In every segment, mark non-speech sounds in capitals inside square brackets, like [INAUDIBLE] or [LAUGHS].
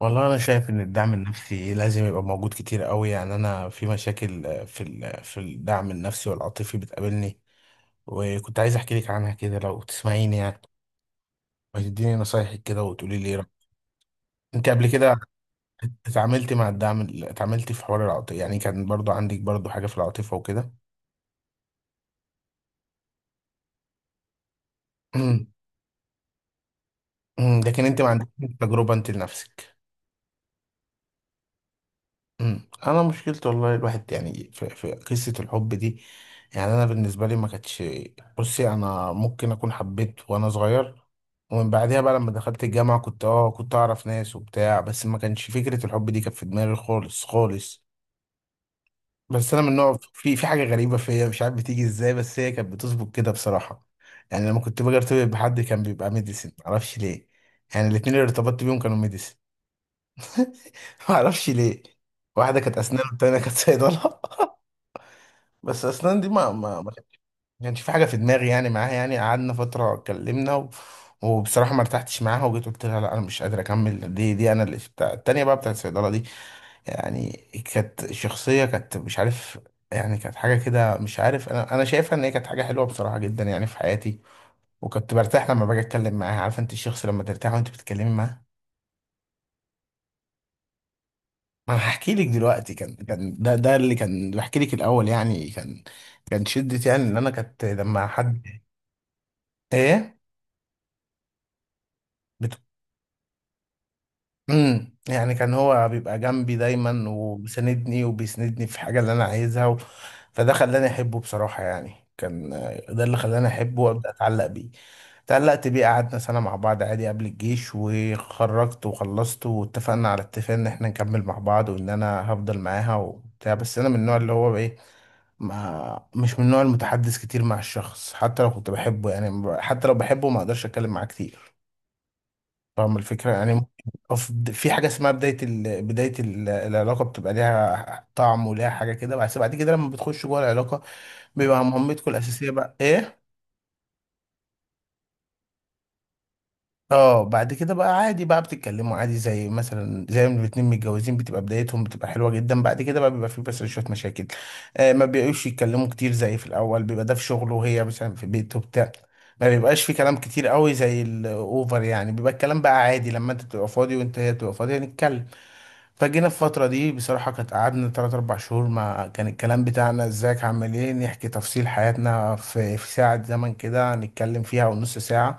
والله انا شايف ان الدعم النفسي لازم يبقى موجود كتير قوي. يعني انا في مشاكل في الدعم النفسي والعاطفي بتقابلني، وكنت عايز احكي لك عنها كده لو تسمعيني يعني، وتديني نصايحك كده وتقولي لي إيه رأيك. انت قبل كده اتعاملتي مع الدعم ال- اتعاملتي في حوار العاطفه؟ يعني كان برضو عندك برضو حاجة في العاطفة وكده. [CLEARS THROAT] لكن انت ما عندكش تجربة انت لنفسك. انا مشكلتي والله، الواحد يعني في قصه الحب دي، يعني انا بالنسبه لي ما كانتش. بصي، انا ممكن اكون حبيت وانا صغير، ومن بعدها بقى لما دخلت الجامعه كنت كنت اعرف ناس وبتاع، بس ما كانش فكره الحب دي كانت في دماغي خالص خالص. بس انا من نوع، في حاجه غريبه فيا مش عارف بتيجي ازاي، بس هي كانت بتظبط كده بصراحه. يعني لما كنت باجي ارتبط بحد كان بيبقى ميديسن، معرفش ليه. يعني الاتنين اللي ارتبطت بيهم كانوا ميديسن. [LAUGHS] معرفش ليه. واحده كانت اسنان والتانيه كانت صيدله. بس اسنان دي ما كانش في حاجه في دماغي يعني معاها، يعني قعدنا فتره اتكلمنا و... وبصراحه ما ارتحتش معاها، وجيت قلت لها لا انا مش قادر اكمل. دي انا اللي بتاع، التانيه بقى بتاعت الصيدله دي يعني، كانت شخصيه، كانت مش عارف يعني، كانت حاجه كده مش عارف. انا شايفها ان هي كانت حاجه حلوه بصراحه جدا يعني في حياتي، وكنت برتاح لما باجي اتكلم معاها. عارفه انت الشخص لما ترتاح وانت بتتكلمي معاه؟ ما انا هحكي لك دلوقتي، كان ده اللي كان بحكي لك الاول يعني، كان كان شدة يعني ان انا كانت لما حد. ايه. يعني كان هو بيبقى جنبي دايما، وبيساندني وبيسندني في الحاجه اللي انا عايزها و... فده خلاني احبه بصراحه، يعني كان، ده اللي خلاني احبه وابدا اتعلق بيه. اتعلقت بيه، قعدنا سنه مع بعض عادي قبل الجيش، وخرجت وخلصت واتفقنا على اتفاق ان احنا نكمل مع بعض، وان انا هفضل معاها وبتاع. بس انا من النوع اللي هو ايه، ما مش من النوع المتحدث كتير مع الشخص حتى لو كنت بحبه، يعني حتى لو بحبه ما اقدرش اتكلم معاه كتير. فاهم الفكرة؟ يعني ممكن في حاجة اسمها بداية ال... بداية ال... العلاقة بتبقى ليها طعم وليها حاجة كده، بس بعد كده لما بتخش جوه العلاقة بيبقى مهمتكم الأساسية بقى إيه؟ اه بعد كده بقى عادي، بقى بتتكلموا عادي زي مثلا زي ما الاتنين متجوزين، بتبقى بدايتهم بتبقى حلوة جدا، بعد كده بقى بيبقى في بس شوية مشاكل. ما بيبقوش يتكلموا كتير زي في الأول، بيبقى ده في شغله وهي مثلا في بيته وبتاع. ما بيبقاش في كلام كتير قوي زي الأوفر، يعني بيبقى الكلام بقى عادي لما أنت تبقى فاضي وأنت هي تبقى فاضية نتكلم. فجينا في الفترة دي بصراحة كانت، قعدنا تلات أربع شهور ما كان الكلام بتاعنا ازيك عامل ايه، نحكي تفصيل حياتنا في ساعة زمن كده نتكلم فيها ونص ساعة.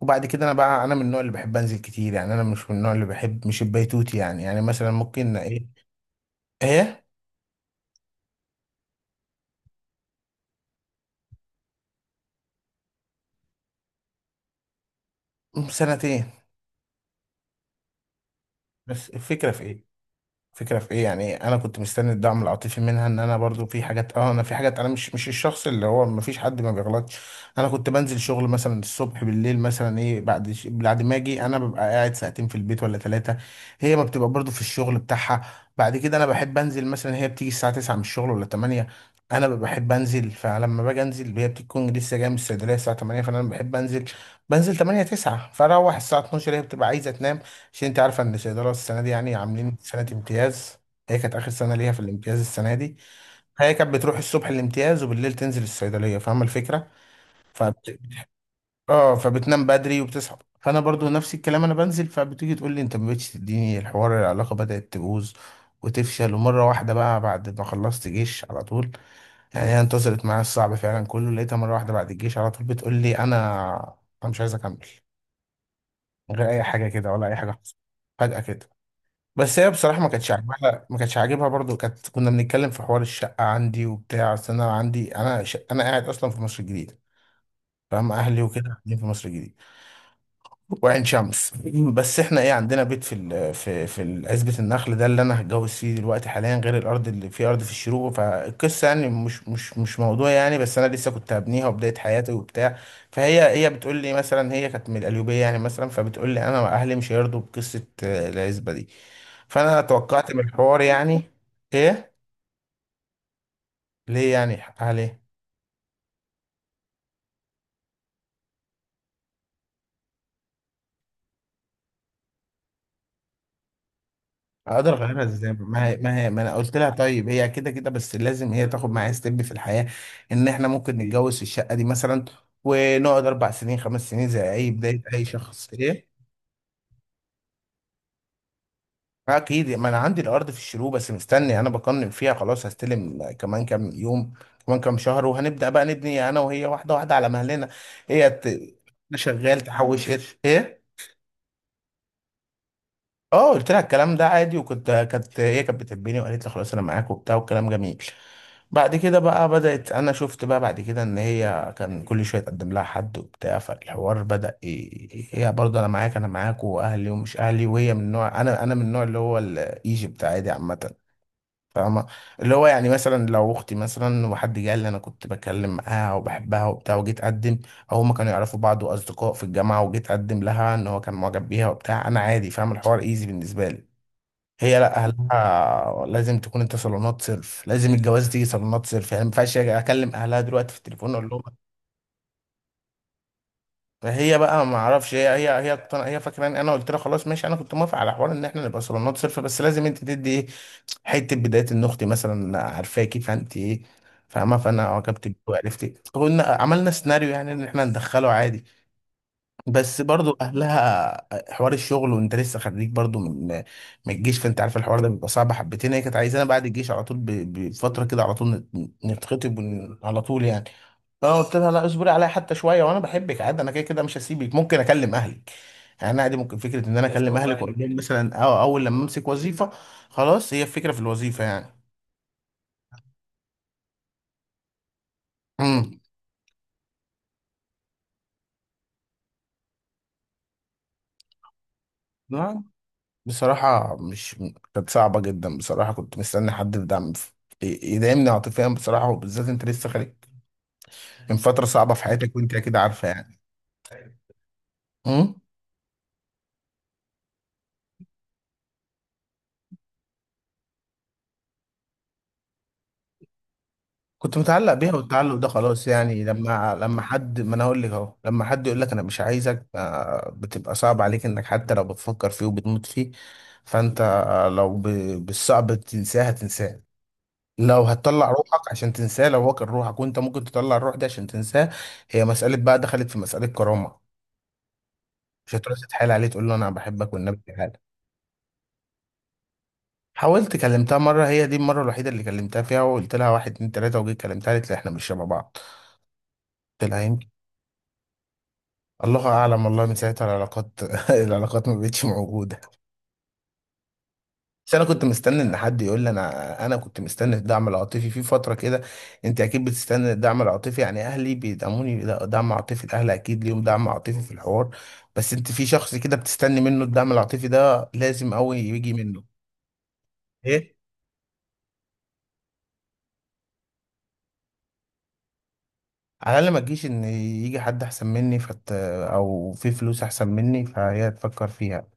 وبعد كده، أنا بقى أنا من النوع اللي بحب أنزل كتير، يعني أنا مش من النوع اللي بحب مش البيتوتي يعني، يعني مثلا ممكن إيه. إيه. سنتين. بس الفكرة في إيه؟ فكرة في ايه، يعني انا كنت مستني الدعم العاطفي منها، ان انا برضو في حاجات انا في حاجات، انا مش الشخص اللي هو ما فيش حد ما بيغلطش. انا كنت بنزل شغل مثلا الصبح بالليل مثلا ايه، بعد بعد ما اجي انا ببقى قاعد ساعتين في البيت ولا ثلاثة. هي ما بتبقى برضو في الشغل بتاعها. بعد كده انا بحب انزل، مثلا هي بتيجي الساعة 9 من الشغل ولا 8. انا ببقى بحب انزل، فلما باجي انزل هي بتكون لسه جايه من الصيدليه الساعه 8، فانا بحب انزل. بنزل 8 9 فاروح الساعه 12 هي بتبقى عايزه تنام. عشان انت عارفه ان الصيدله السنه دي يعني عاملين سنه امتياز، هي كانت اخر سنه ليها في الامتياز السنه دي. هي كانت بتروح الصبح الامتياز، وبالليل تنزل الصيدليه، فاهمه الفكره؟ فبت... اه فبتنام بدري وبتصحى، فانا برضو نفس الكلام انا بنزل، فبتيجي تقول لي انت ما بقتش تديني الحوار، العلاقه بدات تبوظ وتفشل. ومره واحده بقى بعد ما خلصت جيش على طول، يعني هي انتصرت معايا الصعب فعلا كله، لقيتها مره واحده بعد الجيش على طول بتقول لي انا مش عايز اكمل، من غير اي حاجه كده ولا اي حاجه حصلت. فجاه كده. بس هي بصراحة ما كانتش عاجبها، ما كانتش عاجبها برضو. كانت كنا بنتكلم في حوار الشقة عندي وبتاع، أصل أنا عندي أنا ش... أنا قاعد أصلا في مصر الجديدة، فاهم؟ أهلي وكده قاعدين في مصر الجديدة وعين شمس. بس احنا ايه عندنا بيت في في عزبة النخل ده اللي انا هتجوز فيه دلوقتي حاليا، غير الارض اللي في ارض في الشروق. فالقصه يعني مش موضوع يعني، بس انا لسه كنت هبنيها وبدايه حياتي وبتاع. فهي بتقول لي مثلا، هي كانت من القليوبيه يعني، مثلا فبتقول لي انا اهلي مش هيرضوا بقصه، العزبه دي. فانا توقعت من الحوار يعني. ايه. ليه يعني اهلي؟ اقدر اغيرها ازاي، ما انا قلت لها طيب هي كده كده، بس لازم هي تاخد معايا ستيب في الحياه، ان احنا ممكن نتجوز في الشقه دي مثلا، ونقعد اربع سنين خمس سنين زي اي بدايه اي شخص ايه. اكيد، ما انا عندي الارض في الشروق، بس مستني انا بقنن فيها خلاص هستلم كمان كام يوم، كمان كام شهر وهنبدا بقى نبني انا وهي واحده واحده على مهلنا. هي ت... شغال تحوش قرش ايه. اه قلت لها الكلام ده عادي، وكنت كانت هي كانت بتحبني، وقالت لي خلاص انا معاك وبتاع، والكلام جميل. بعد كده بقى بدأت، انا شفت بقى بعد كده ان هي كان كل شويه تقدم لها حد وبتاع، فالحوار بدأ هي برضه انا معاك انا معاك، واهلي ومش اهلي، وهي من نوع انا من النوع اللي هو الايجيبت عادي عامه، فاهمة؟ اللي هو يعني مثلا لو أختي مثلا وحد جه قال لي أنا كنت بكلم معاها وبحبها وبتاع وجيت أقدم، أو هما كانوا يعرفوا بعض وأصدقاء في الجامعة وجيت أقدم لها إن هو كان معجب بيها وبتاع، أنا عادي، فاهم؟ الحوار إيزي بالنسبة لي. هي لأ، أهلها لازم تكون أنت صالونات صرف، لازم الجواز دي صالونات صرف، يعني ما ينفعش أجي أكلم أهلها دلوقتي في التليفون أقول لهم. فهي بقى ما اعرفش هي هي فاكره ان انا قلت لها خلاص ماشي، انا كنت موافق على حوار ان احنا نبقى صالونات صرف، بس لازم انت تدي حته بدايه ان اختي مثلا عارفاكي فانت ايه، فاهمه؟ فانا عجبت بيه وعرفت، قلنا عملنا سيناريو يعني ان احنا ندخله عادي. بس برضو اهلها حوار الشغل وانت لسه خريج برضو، من الجيش، فانت عارف الحوار ده بيبقى صعب حبتين. هي كانت عايزانا بعد الجيش على طول بفتره كده على طول نتخطب على طول يعني. فانا قلت لها لا، اصبري عليا حتى شويه وانا بحبك عادي، انا كده كده مش هسيبك، ممكن اكلم اهلك يعني عادي، ممكن فكره ان انا بس اكلم برافو اهلك والله، واقول عليك لهم مثلا، اه اول لما امسك وظيفه خلاص، هي الفكره في الوظيفه يعني. امم لا، بصراحة مش، كانت صعبة جدا بصراحة. كنت مستني حد في دعم يدعمني عاطفيا بصراحة، وبالذات انت لسه خارج من فترة صعبة في حياتك، وانت اكيد عارفة يعني. امم كنت متعلق بيها، والتعلق ده خلاص يعني. لما حد، ما انا اقول لك اهو، لما حد يقول لك انا مش عايزك، بتبقى صعب عليك انك حتى لو بتفكر فيه وبتموت فيه. فانت لو بالصعب تنساه هتنساه، لو هتطلع روحك عشان تنساه، لو هو كان روحك وانت ممكن تطلع الروح دي عشان تنساه. هي مسألة بقى، دخلت في مسألة كرامة. مش هتروح تتحايل عليه تقول له انا بحبك والنبي تعالى. حاولت، كلمتها مرة، هي دي المرة الوحيدة اللي كلمتها فيها، وقلت لها واحد اتنين تلاتة، وجيت كلمتها قالت لي احنا مش شبه بعض. قلت لها يمكن. الله اعلم والله، من ساعتها العلاقات [LAUGHS] العلاقات ما بقتش موجودة. بس انا كنت مستني ان حد يقول لي انا، انا كنت مستني الدعم العاطفي في فتره كده. انت اكيد بتستني الدعم العاطفي، يعني اهلي بيدعموني لا، دعم عاطفي الاهل اكيد ليهم دعم عاطفي في الحوار، بس انت في شخص كده بتستني منه الدعم العاطفي ده لازم قوي يجي منه. ايه. على الاقل ما تجيش ان يجي حد احسن مني فت... او في فلوس احسن مني فهي تفكر فيها.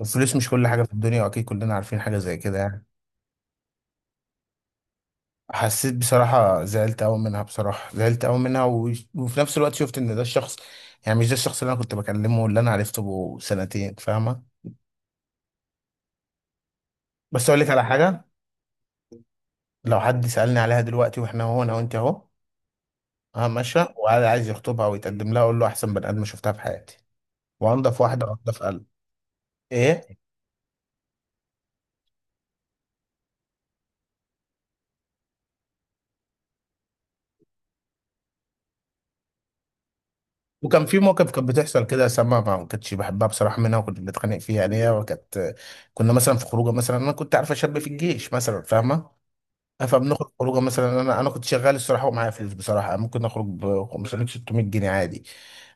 الفلوس مش كل حاجه في الدنيا، واكيد كلنا عارفين حاجه زي كده يعني. حسيت بصراحة، زعلت أوي منها بصراحة، زعلت أوي منها و... وفي نفس الوقت شفت إن ده الشخص، يعني مش ده الشخص اللي أنا كنت بكلمه واللي أنا عرفته بقى سنتين، فاهمة؟ بس أقول لك على حاجة، لو حد سألني عليها دلوقتي وإحنا هو أنا وأنت أهو، أنا ماشية وقاعد عايز يخطبها ويتقدم لها، أقول له أحسن بني آدم شفتها في حياتي، وأنضف واحدة وأنضف قلب. إيه. وكان في موقف، كانت بتحصل كده سما ما كنتش بحبها بصراحة منها، وكنت بنتخانق فيها يعني هي وكانت. كنا مثلا في خروجه مثلا، أنا كنت عارفة شاب في الجيش مثلا، فاهمة؟ فبنخرج خروجه مثلا، انا كنت شغال الصراحه ومعايا فلوس بصراحه، ممكن اخرج ب 500 600 جنيه عادي.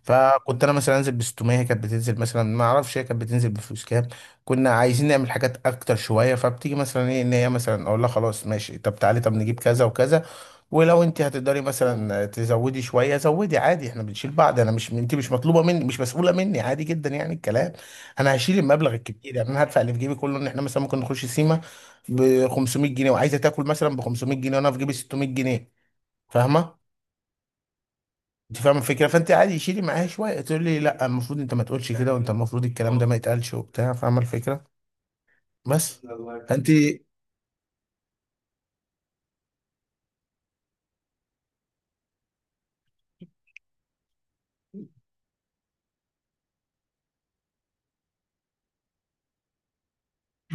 فكنت انا مثلا انزل ب 600، هي كانت بتنزل مثلا ما اعرفش هي كانت بتنزل بفلوس كام. كنا عايزين نعمل حاجات اكتر شويه، فبتيجي مثلا ايه ان هي مثلا اقول لها خلاص ماشي، طب تعالي طب نجيب كذا وكذا، ولو انت هتقدري مثلا تزودي شويه زودي عادي، احنا بنشيل بعض، انا مش انت مش مطلوبه مني، مش مسؤوله مني، عادي جدا يعني الكلام. انا هشيل المبلغ الكبير يعني، انا هدفع اللي في جيبي كله ان احنا مثلا ممكن نخش سيما ب 500 جنيه، وعايزه تاكل مثلا ب 500 جنيه، وانا في جيبي 600 جنيه، فاهمه؟ انت فاهمه الفكره، فانت عادي شيلي معايا شويه، تقول لي لا المفروض انت ما تقولش كده، وانت المفروض الكلام ده ما يتقالش وبتاع، فاهمه الفكره؟ بس. فانت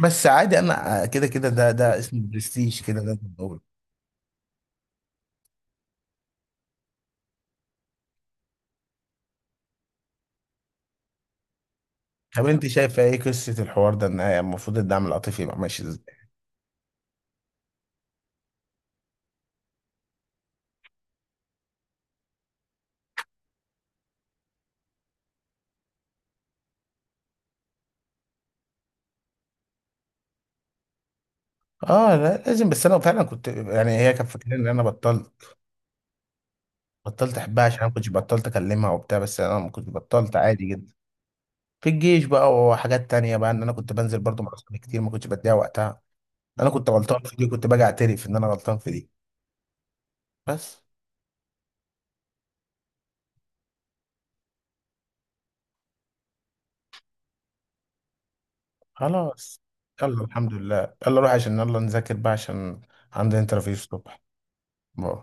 بس عادي انا كده كده، ده اسمه برستيج كده ده. طب انت شايفه ايه قصه الحوار ده، ان هي المفروض الدعم العاطفي يبقى ماشي ازاي؟ اه لا لازم، بس انا فعلا كنت يعني هي كانت فاكره ان انا بطلت، بطلت احبها، عشان انا ما كنتش بطلت اكلمها وبتاع، بس انا ما كنت بطلت عادي جدا. في الجيش بقى، وحاجات تانية بقى، ان انا كنت بنزل برضو مع اصحابي كتير، ما كنتش بديها وقتها. انا كنت غلطان في دي، كنت باجي اعترف ان انا غلطان في دي. بس خلاص. يلا الحمد لله، يلا روح، عشان يلا نذاكر بقى عشان عندي انترفيو الصبح. باي.